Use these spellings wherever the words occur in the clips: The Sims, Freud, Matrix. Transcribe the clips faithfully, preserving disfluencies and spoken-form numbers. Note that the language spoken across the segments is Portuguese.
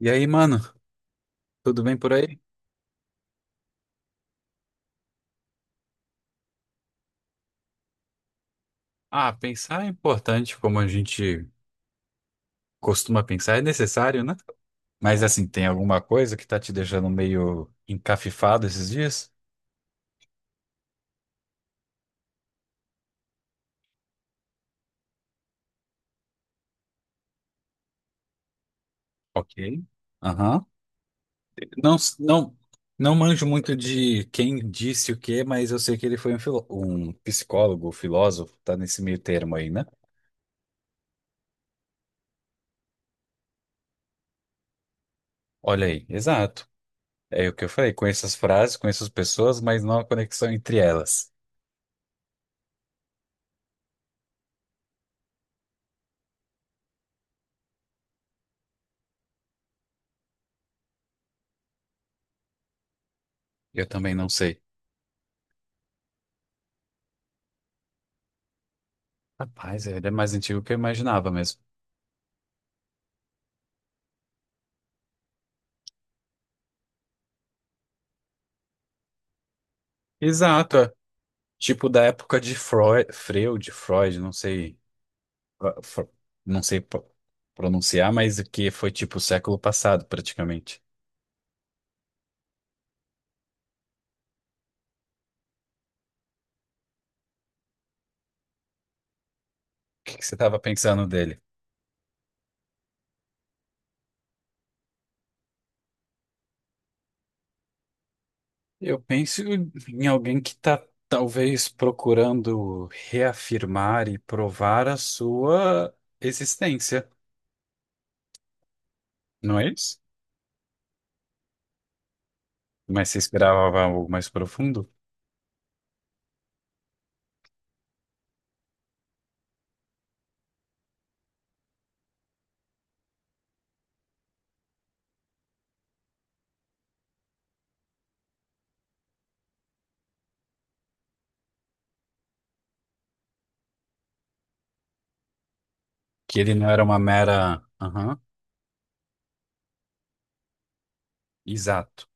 E aí, mano, tudo bem por aí? Ah, pensar é importante, como a gente costuma pensar, é necessário, né? Mas assim, tem alguma coisa que tá te deixando meio encafifado esses dias? Ok. Aham. Não, não, não manjo muito de quem disse o quê, mas eu sei que ele foi um, filó- um psicólogo, filósofo, tá nesse meio termo aí, né? Olha aí, exato. É o que eu falei, conheço as frases, conheço as pessoas, mas não a conexão entre elas. Eu também não sei. Rapaz, é, ele é mais antigo que eu imaginava mesmo. Exato. é. Tipo da época de Freud, Freud, Freud, não sei, ah, Fro- não sei pro- pronunciar, mas que foi tipo século passado praticamente. O que que você estava pensando dele? Eu penso em alguém que está talvez procurando reafirmar e provar a sua existência, não é isso? Mas você esperava algo mais profundo? Que ele não era uma mera. Aham, exato.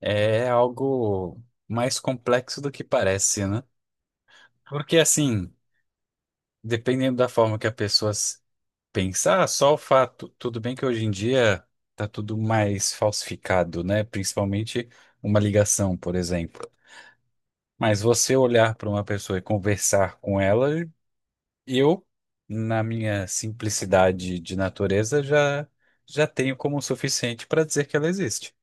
É algo mais complexo do que parece, né? Porque assim, dependendo da forma que a pessoa s- pensar, só o fato, tudo bem que hoje em dia tá tudo mais falsificado, né? Principalmente uma ligação, por exemplo. Mas você olhar para uma pessoa e conversar com ela, eu, na minha simplicidade de natureza, já já tenho como o suficiente para dizer que ela existe.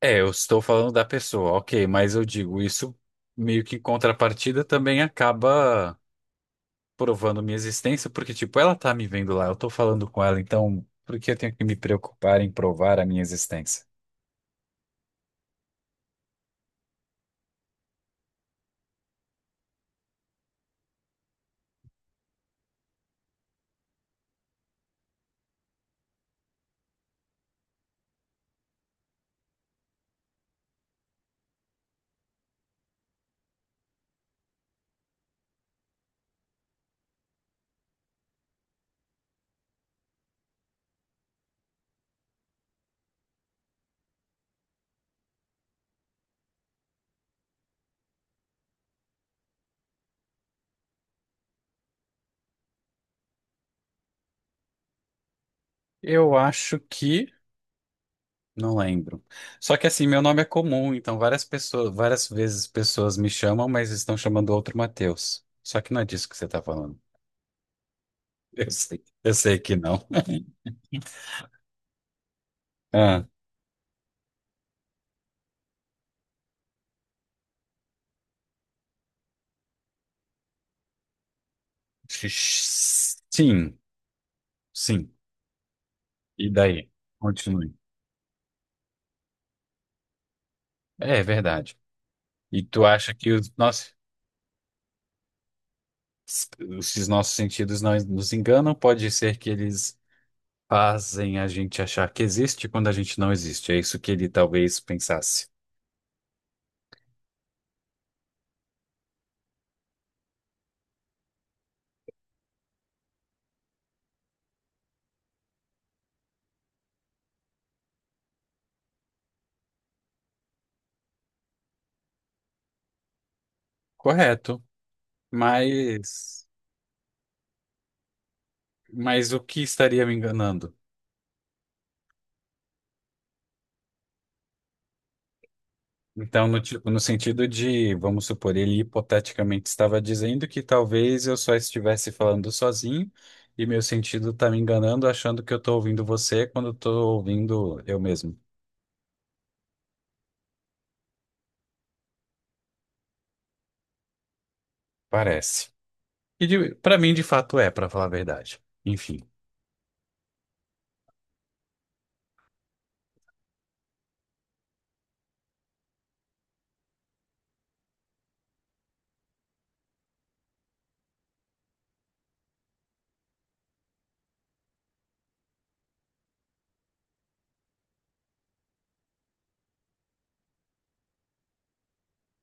É, eu estou falando da pessoa, ok, mas eu digo isso meio que em contrapartida também acaba provando minha existência, porque, tipo, ela tá me vendo lá, eu tô falando com ela, então por que eu tenho que me preocupar em provar a minha existência? Eu acho que. Não lembro. Só que assim, meu nome é comum, então várias pessoas, várias vezes pessoas me chamam, mas estão chamando outro Matheus. Só que não é disso que você tá falando. Eu sei, eu sei que não. Ah, sim, sim. E daí? Continue. É, é verdade. E tu acha que os. Nossa. s- Esses nossos sentidos não nos enganam, pode ser que eles fazem a gente achar que existe quando a gente não existe. É isso que ele talvez pensasse. Correto, mas mas o que estaria me enganando? Então, no, tipo, no sentido de, vamos supor, ele hipoteticamente estava dizendo que talvez eu só estivesse falando sozinho e meu sentido está me enganando, achando que eu estou ouvindo você quando estou ouvindo eu mesmo. Parece. E para mim, de fato, é, para falar a verdade. Enfim.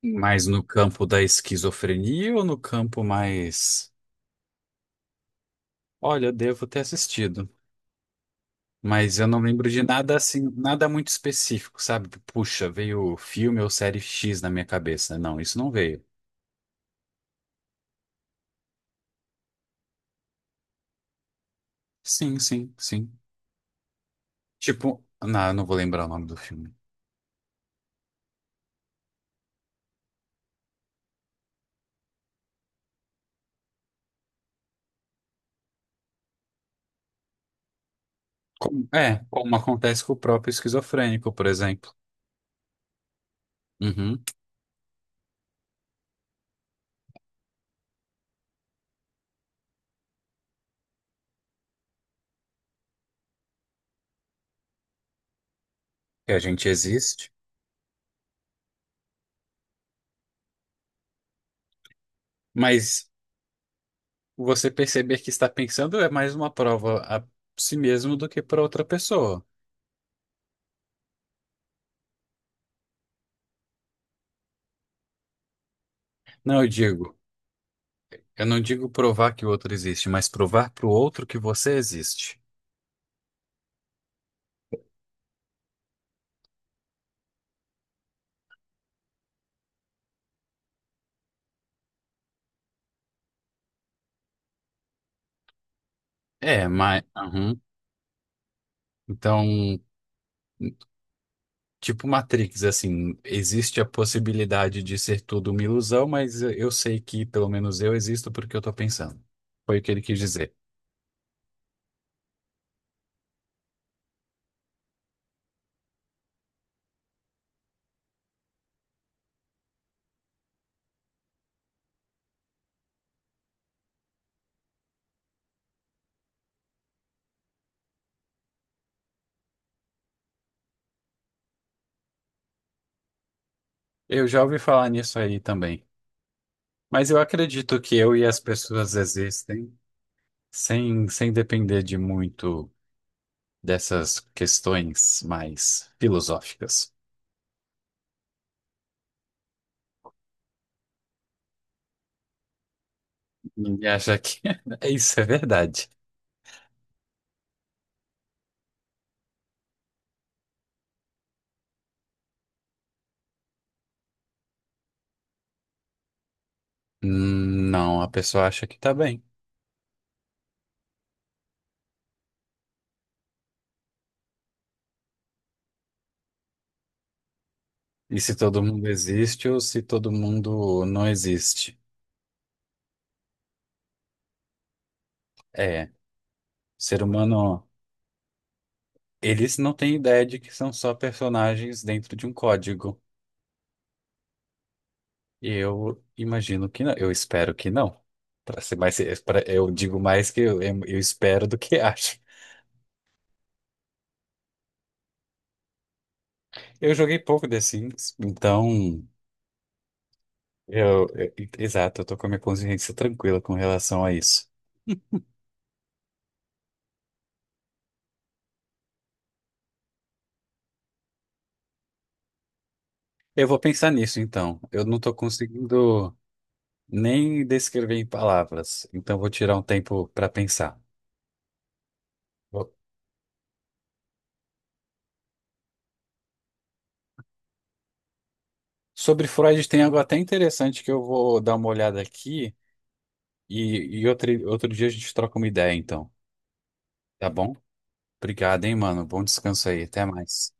Mais no campo da esquizofrenia ou no campo mais. Olha, eu devo ter assistido, mas eu não lembro de nada assim, nada muito específico, sabe? Puxa, veio filme ou série X na minha cabeça. Não, isso não veio. Sim, sim, sim. Tipo, não, eu não vou lembrar o nome do filme. Como- é, como acontece com o próprio esquizofrênico, por exemplo. Uhum, que a gente existe, mas você perceber que está pensando é mais uma prova a si mesmo do que para outra pessoa. Não, eu digo. Eu não digo provar que o outro existe, mas provar para o outro que você existe. É, mas. Aham. Então, tipo Matrix, assim, existe a possibilidade de ser tudo uma ilusão, mas eu sei que pelo menos eu existo porque eu tô pensando. Foi o que ele quis dizer. Eu já ouvi falar nisso aí também. Mas eu acredito que eu e as pessoas existem sem, sem depender de muito dessas questões mais filosóficas. Ninguém acha que isso é verdade. Hum, Não, a pessoa acha que tá bem. E se todo mundo existe ou se todo mundo não existe? É, o ser humano, eles não têm ideia de que são só personagens dentro de um código. E eu imagino que não, eu espero que não. Para ser mais, pra- eu digo mais que eu, eu espero do que acho. Eu joguei pouco The Sims, então eu, eu- exato, eu tô com a minha consciência tranquila com relação a isso. Eu vou pensar nisso então. Eu não tô conseguindo nem descrever em palavras. Então vou tirar um tempo para pensar. Vou- Sobre Freud tem algo até interessante que eu vou dar uma olhada aqui e, e outro, outro dia a gente troca uma ideia, então. Tá bom? Obrigado, hein, mano. Bom descanso aí. Até mais.